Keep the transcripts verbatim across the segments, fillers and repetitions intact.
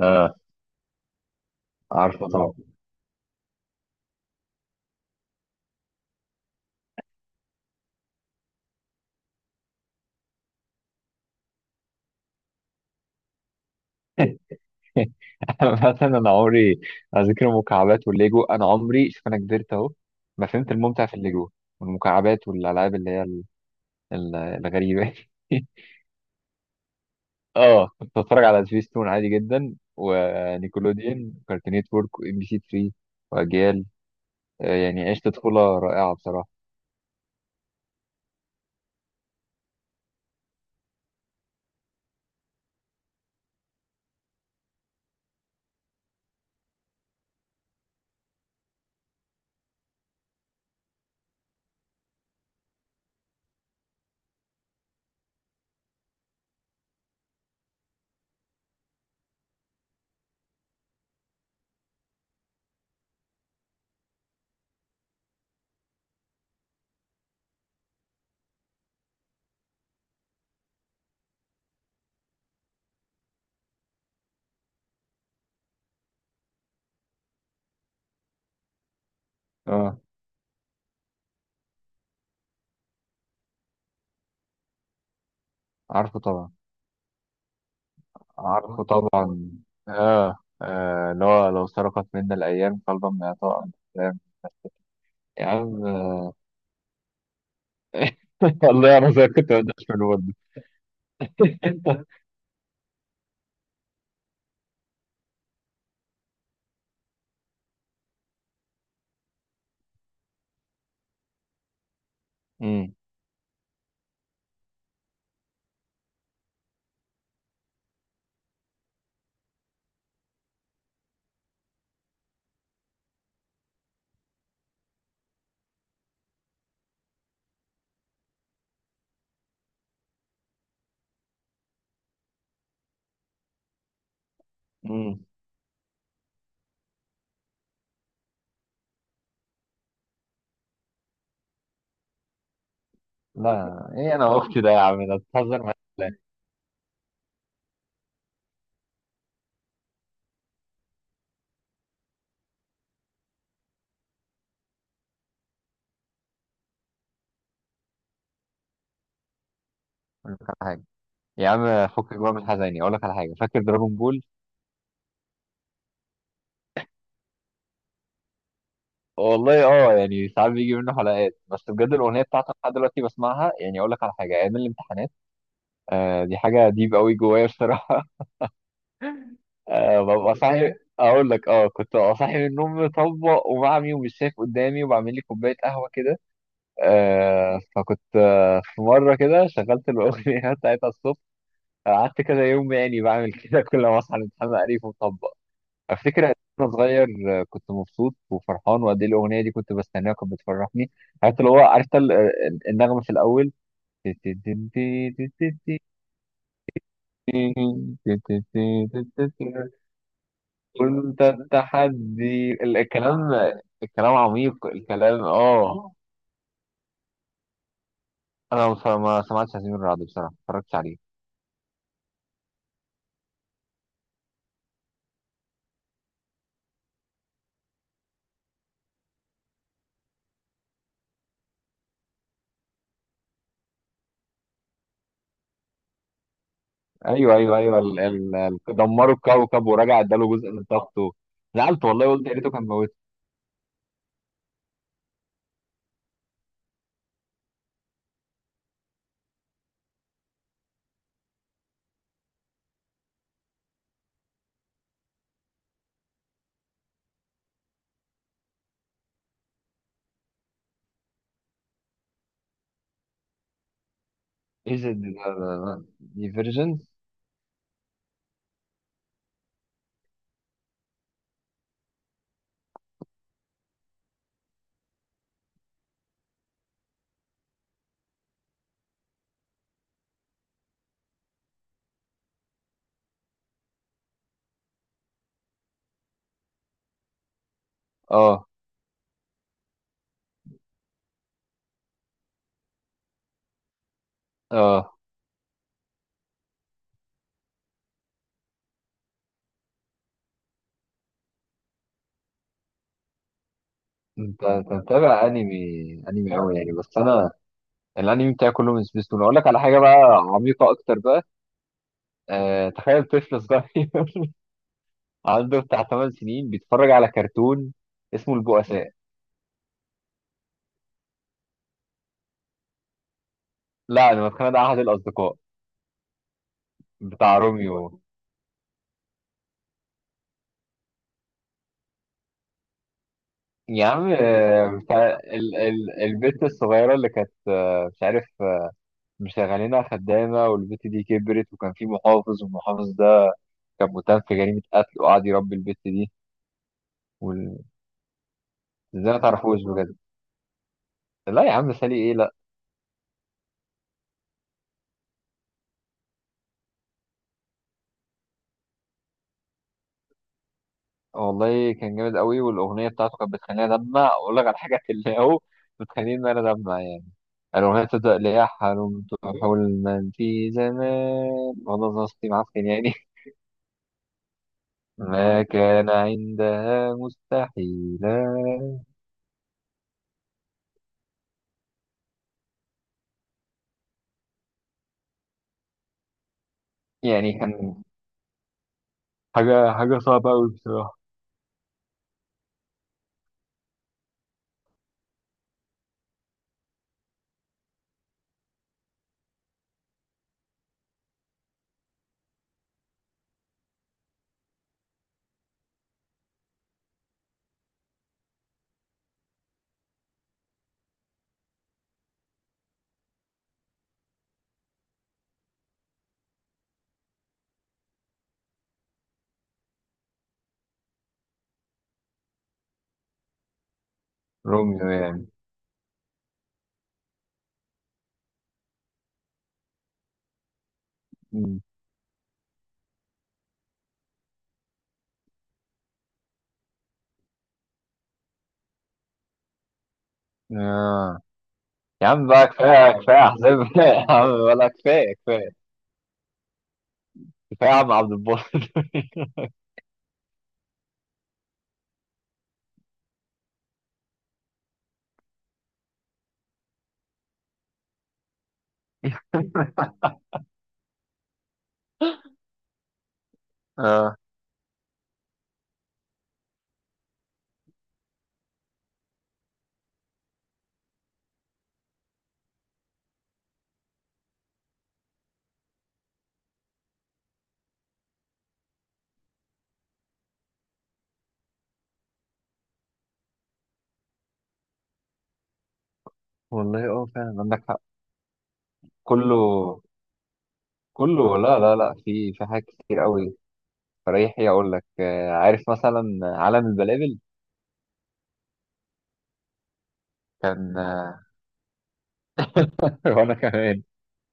اه، عارفه طبعا. انا مثلا، انا عمري اذكر المكعبات والليجو. انا عمري شوف، انا كبرت اهو، ما فهمت الممتع في الليجو والمكعبات والالعاب اللي هي ال- ال- الغريبه. اه، كنت بتفرج على سبيستون عادي جدا، ونيكولوديان، وكارتون نتورك، وام بي سي تلاتة، واجيال. آه، يعني عشت طفوله رائعه بصراحه. اه، عارفه طبعا، عارفه طبعا، اه. آه، اللي هو لو سرقت منا الايام قلبا ما يطاء عن الأحلام. يا عم، والله انا زي كنت ما بديش من ودي. امم، امم. لا، ايه انا واختي ده يا عم، ده بتهزر معايا ولا إيه؟ أقول لك على حاجه. يا عم فكك بقى من الحزيني، اقول لك على حاجه، فاكر دراجون بول؟ والله اه يعني ساعات بيجي منه حلقات، بس بجد الاغنيه بتاعته لحد دلوقتي بسمعها. يعني اقول لك على حاجه، ايام الامتحانات. آه دي حاجه ديب قوي جوايا بصراحه. آه ببقى صاحي، اقول لك، اه كنت ببقى صاحي من النوم مطبق ومعمي ومش شايف قدامي، وبعمل لي كوبايه قهوه كده. آه فكنت آه في مرة كده شغلت الأغنية بتاعتها الصبح. قعدت كذا يوم، يعني بعمل كده كل ما أصحى من الامتحان أقريف ومطبق. أفتكر قد إيه وأنا صغير. آه، كنت مبسوط وفرحان، وقد إيه الأغنية دي كنت بستناها وكانت بتفرحني. عرفت اللي هو، عرفت ال- آه، ال- النغمة في الأول. كنت التحدي الكلام، الكلام عميق، الكلام. آه أنا ما ما سمعتش ياسمين رعد بصراحة، ما اتفرجتش عليه. ايوه، ايوه، ايوه، ال... ال... ال... دمروا الكوكب ورجع اداله جزء من طاقته. زعلت والله، قلت يا ريته كان موت. ايش، ديفيرجنس. اه، اه. انت انت متابع انمي، انمي قوي يعني؟ بس انا، الانمي بتاعي كله من سبيستون. اقول لك على حاجه بقى، عميقه اكتر بقى. آه... تخيل طفل صغير عنده بتاع ثمان سنين بيتفرج على كرتون اسمه البؤساء. لا، انا متخيل ده احد الاصدقاء بتاع روميو. يا عم، آه، بتاع ال ال البت الصغيرة اللي كانت، آه، مش عارف، آه، مشغلينها خدامة. والبت دي كبرت، وكان في محافظ، والمحافظ ده كان متهم في جريمة قتل، وقعد يربي البت دي. وال- ازاي ما تعرفوش بجد؟ لا يا عم، سالي ايه؟ لا. والله كان جامد قوي، والأغنية بتاعته كانت بتخليني أدمع. أقول لك على حاجة، اللي هو بتخليني إن أنا أدمع يعني. الأغنية بتبدأ اللي هي: حلمت حلما في زمان، والله نصيب معفن يعني، ما كان عندها مستحيلا. يعني كان حاجة، حاجة صعبة أوي بصراحة. روميو يعني. مم. آه. يا عم بقى، كفاية كفاية أحزاب يا عم، ولا كفاية، كفاية، كفاية، يا عم عبد الباسط. اه، والله اه فعلا عندك حق. كله، كله. لا، لا، لا، في في حاجات كتير قوي. فريحي، اقول لك، آه، عارف مثلا عالم البلابل؟ كان آه، وانا كمان.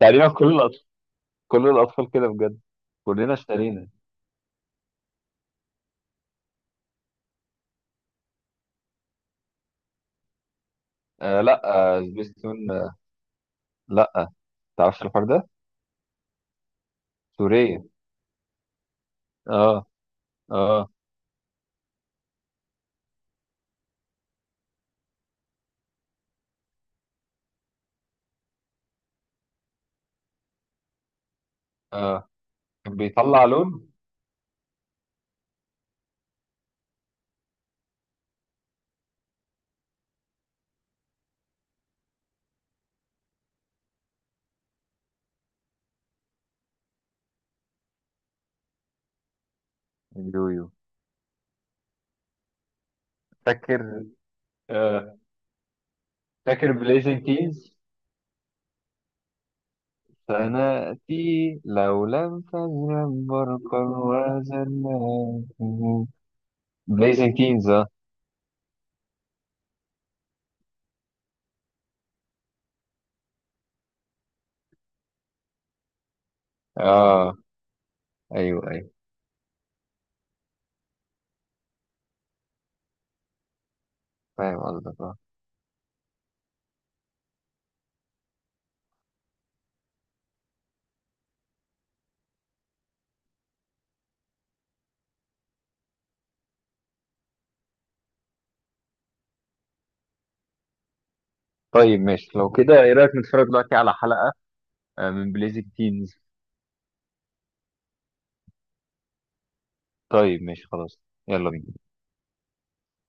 تقريبا كل الاطفال كل الاطفال كده، بجد كلنا اشترينا. آه، لا. آه سبيستون، آه. لا تعرفش الحوار ده. سورية. اه، اه، اه. كان بيطلع لون. اليويو فاكر؟ آه فاكر بليزنج كيز؟ سنأتي لو لم تذهب برقا وزناتي. بليزنج كيز، اه، اه. ايوه، ايوه، فاهم قصدك، اه. طيب ماشي، لو كده ايه رأيك نتفرج دلوقتي على حلقة آه، من بليزنج كيز؟ طيب ماشي خلاص، يلا بينا.